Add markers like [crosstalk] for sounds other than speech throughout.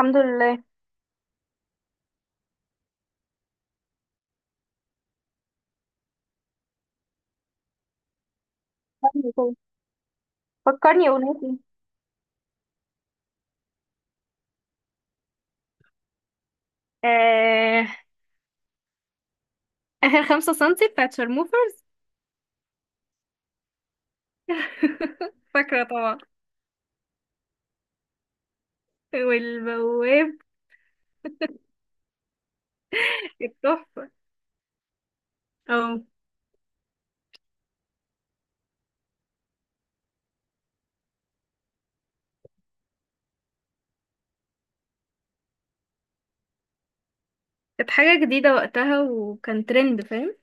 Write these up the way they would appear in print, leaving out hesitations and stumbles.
الحمد لله. فكرني كده. فكرني اقول لك. آه آخر 5 سنتي بتاعت شرموفرز. [laughs] فاكرة طبعا، والبواب التحفة. اه، كانت حاجة جديدة وقتها وكان ترند، فاهم؟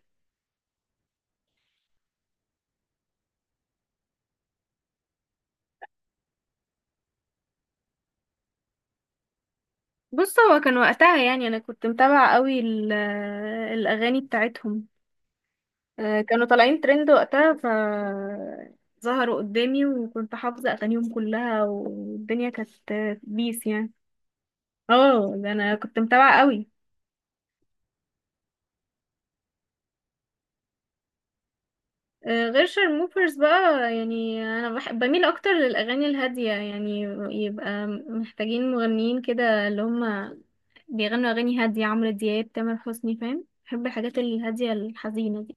بص، هو كان وقتها يعني أنا كنت متابعة قوي الأغاني بتاعتهم. كانوا طالعين ترند وقتها، ظهروا قدامي وكنت حافظة أغانيهم كلها، والدنيا كانت بيس يعني. اه، ده أنا كنت متابعة قوي. غير شارموفرز بقى. يعني انا بميل اكتر للاغاني الهاديه يعني، يبقى محتاجين مغنيين كده اللي هم بيغنوا اغاني هاديه، عمرو دياب، تامر حسني، فاهم؟ بحب الحاجات الهاديه الحزينه دي.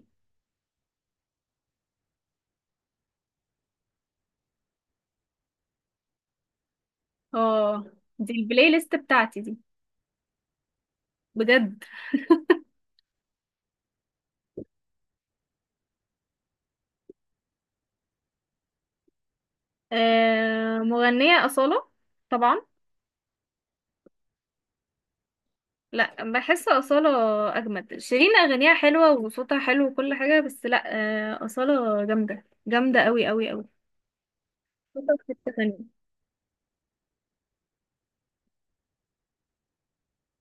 اه، دي البلاي ليست بتاعتي دي. بجد. مغنيه اصاله، طبعا. لا، بحس اصاله اجمد. شيرين اغانيها حلوه وصوتها حلو وكل حاجه، بس لا. اصاله جامده جامده قوي قوي قوي. صوتها في حته ثانيه.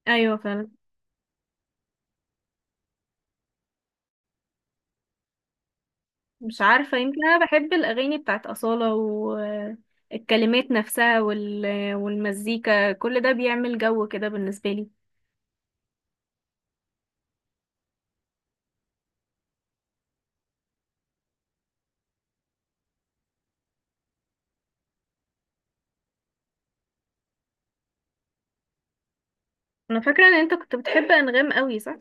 ايوه فعلا. مش عارفة، يمكن أنا بحب الأغاني بتاعت أصالة والكلمات نفسها والمزيكا، كل ده بيعمل جو كده بالنسبة لي. أنا فاكرة إن أنت كنت بتحب أنغام قوي، صح؟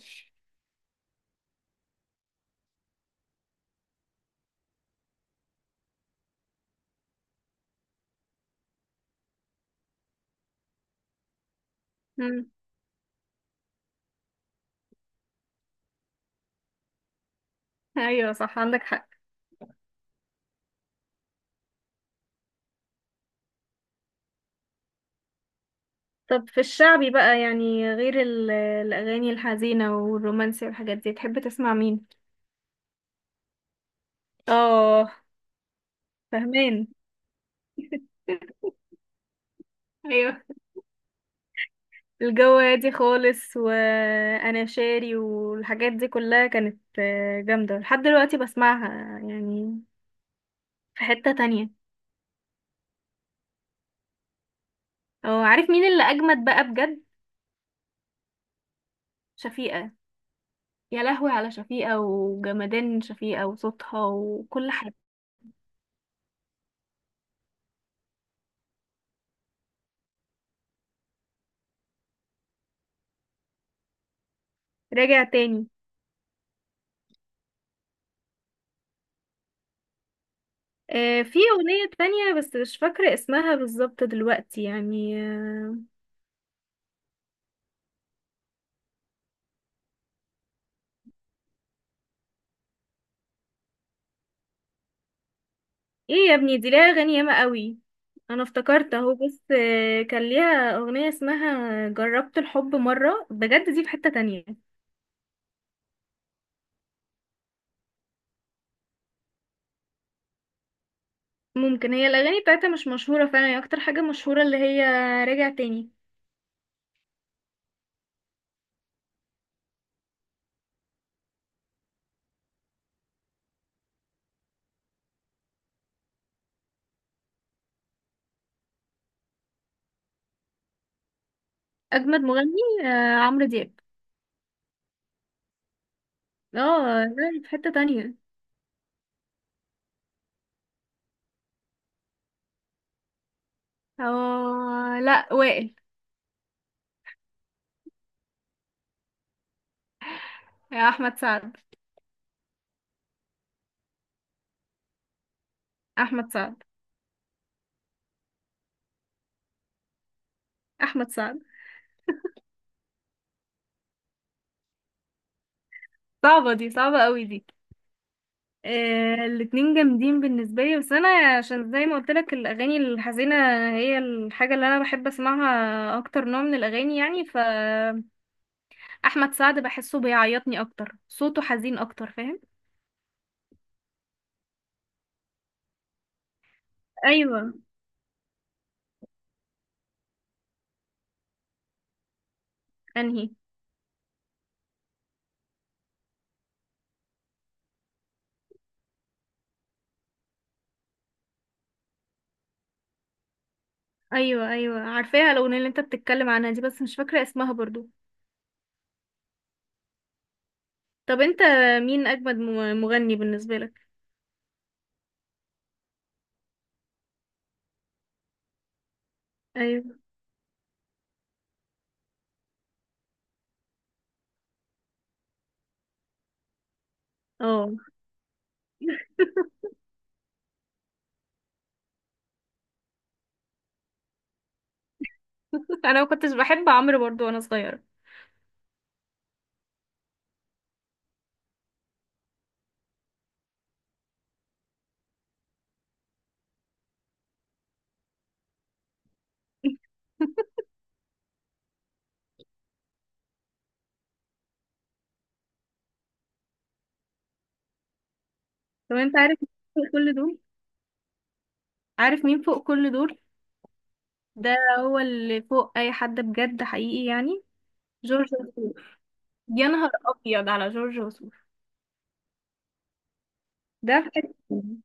مم. أيوة صح، عندك حق. طب في الشعبي بقى، يعني غير الأغاني الحزينة والرومانسي والحاجات دي، تحب تسمع مين؟ آه، فهمان. [laughs] أيوة، الجو هادي خالص وأنا شاري والحاجات دي كلها كانت جامدة لحد دلوقتي، بسمعها يعني. في حتة تانية. اه، عارف مين اللي أجمد بقى بجد؟ شفيقة. يا لهوي على شفيقة وجمدان شفيقة وصوتها وكل حاجة. راجع تاني. في أغنية تانية بس مش فاكرة اسمها بالظبط دلوقتي يعني. ايه يا ابني، دي ليها أغاني ياما قوي. أنا افتكرت اهو، بس كان ليها أغنية اسمها جربت الحب مرة، بجد دي في حتة تانية. ممكن هي الأغاني بتاعتها مش مشهورة فعلا، هي أكتر حاجة مشهورة اللي هي راجع تاني. أجمد مغني عمرو دياب. اه لا، في حتة تانية. اه لا، وائل. يا احمد سعد. احمد سعد. احمد سعد. صعبة دي، صعبة قوي دي. آه، الاتنين جامدين بالنسبة لي، بس انا عشان زي ما قلت لك، الاغاني الحزينة هي الحاجة اللي انا بحب اسمعها اكتر، نوع من الاغاني يعني، ف احمد سعد بحسه بيعيطني اكتر، صوته حزين اكتر، فاهم؟ ايوه. انهي؟ ايوه ايوه، عارفاها الاغنية اللي انت بتتكلم عنها دي، بس مش فاكرة اسمها برضو. طب انت، مين اجمد مغني بالنسبة لك؟ ايوه. اه. [laughs] انا ما كنتش بحب عمرو برضو وانا صغيرة. [laughs] طب انت عارف مين فوق كل دول؟ عارف مين فوق كل دول؟ ده هو اللي فوق اي حد بجد حقيقي يعني. جورج وسوف. يا نهار ابيض على جورج وسوف. ده في حتة تانية.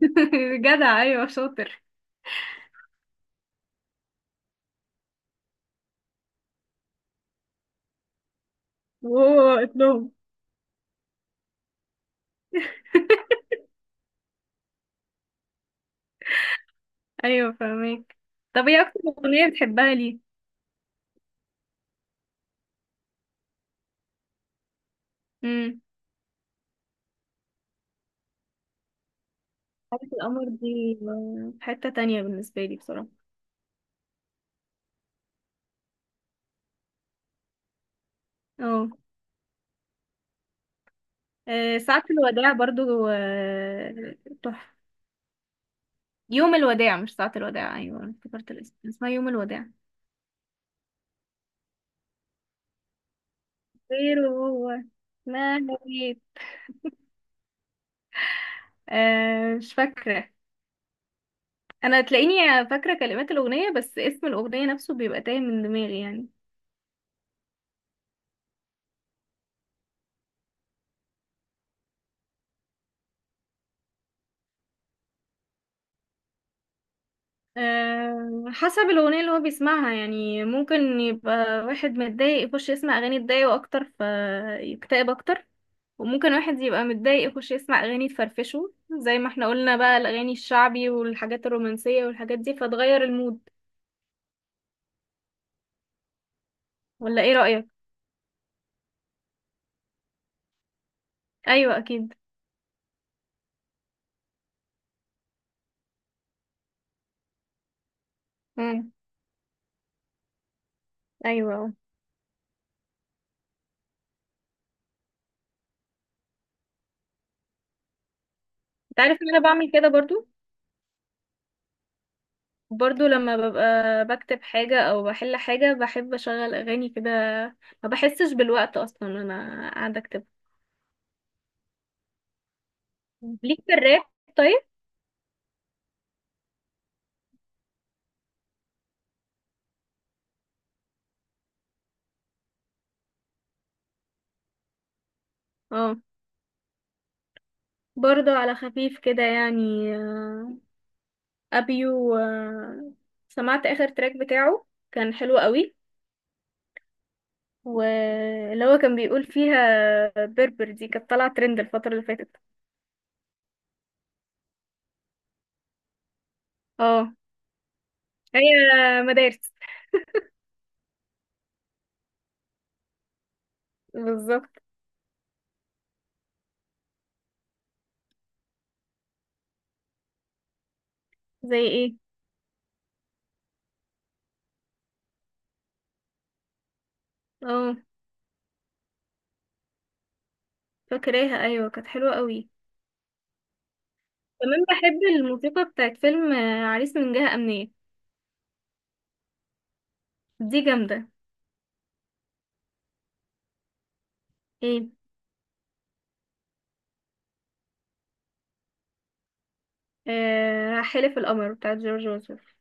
[laughs] جدع، ايوه شاطر. وهو ابنهم. ايوه فاهمك. طب ايه اكتر اغنية بتحبها ليه؟ امم. حاجة القمر دي في حتة تانية بالنسبة لي بصراحة. اه. ساعة الوداع برضو تحفة. يوم الوداع، مش ساعة الوداع. أيوة أنا افتكرت الاسم، اسمها يوم الوداع. غير وهو ما نبيت. آه، مش فاكرة. أنا تلاقيني فاكرة كلمات الأغنية، بس اسم الأغنية نفسه بيبقى تايه من دماغي يعني. آه، حسب الأغنية اللي هو بيسمعها يعني. ممكن يبقى واحد متضايق يخش يسمع أغاني تضايقه أكتر فيكتئب أكتر، وممكن واحد يبقى متضايق يخش يسمع أغاني تفرفشه زي ما احنا قلنا بقى، الأغاني الشعبي والحاجات الرومانسية والحاجات دي فتغير المود. ولا ايه رأيك؟ أيوة أكيد. امم. ايوه. انت عارف ان انا بعمل كده برضو. برضو لما ببقى بكتب حاجة او بحل حاجة، بحب اشغل اغاني كده. ما بحسش بالوقت اصلا وانا قاعدة اكتب. ليك في الراب؟ طيب. اه، برضو على خفيف كده يعني ابيو سمعت اخر تراك بتاعه، كان حلو قوي. واللي هو كان بيقول فيها بربر، دي كانت طالعة ترند الفترة اللي فاتت. اه. هي مدارس. بالظبط. زي ايه؟ اه، فاكراها، ايوه كانت حلوه قوي. كمان بحب الموسيقى بتاعت فيلم عريس من جهة أمنية. دي جامدة. ايه؟ آه، حلف القمر بتاعت جورج وسوف.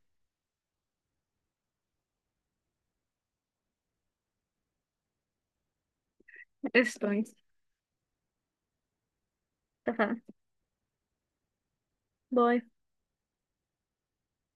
قشطة، ماشي. اتفقنا. باي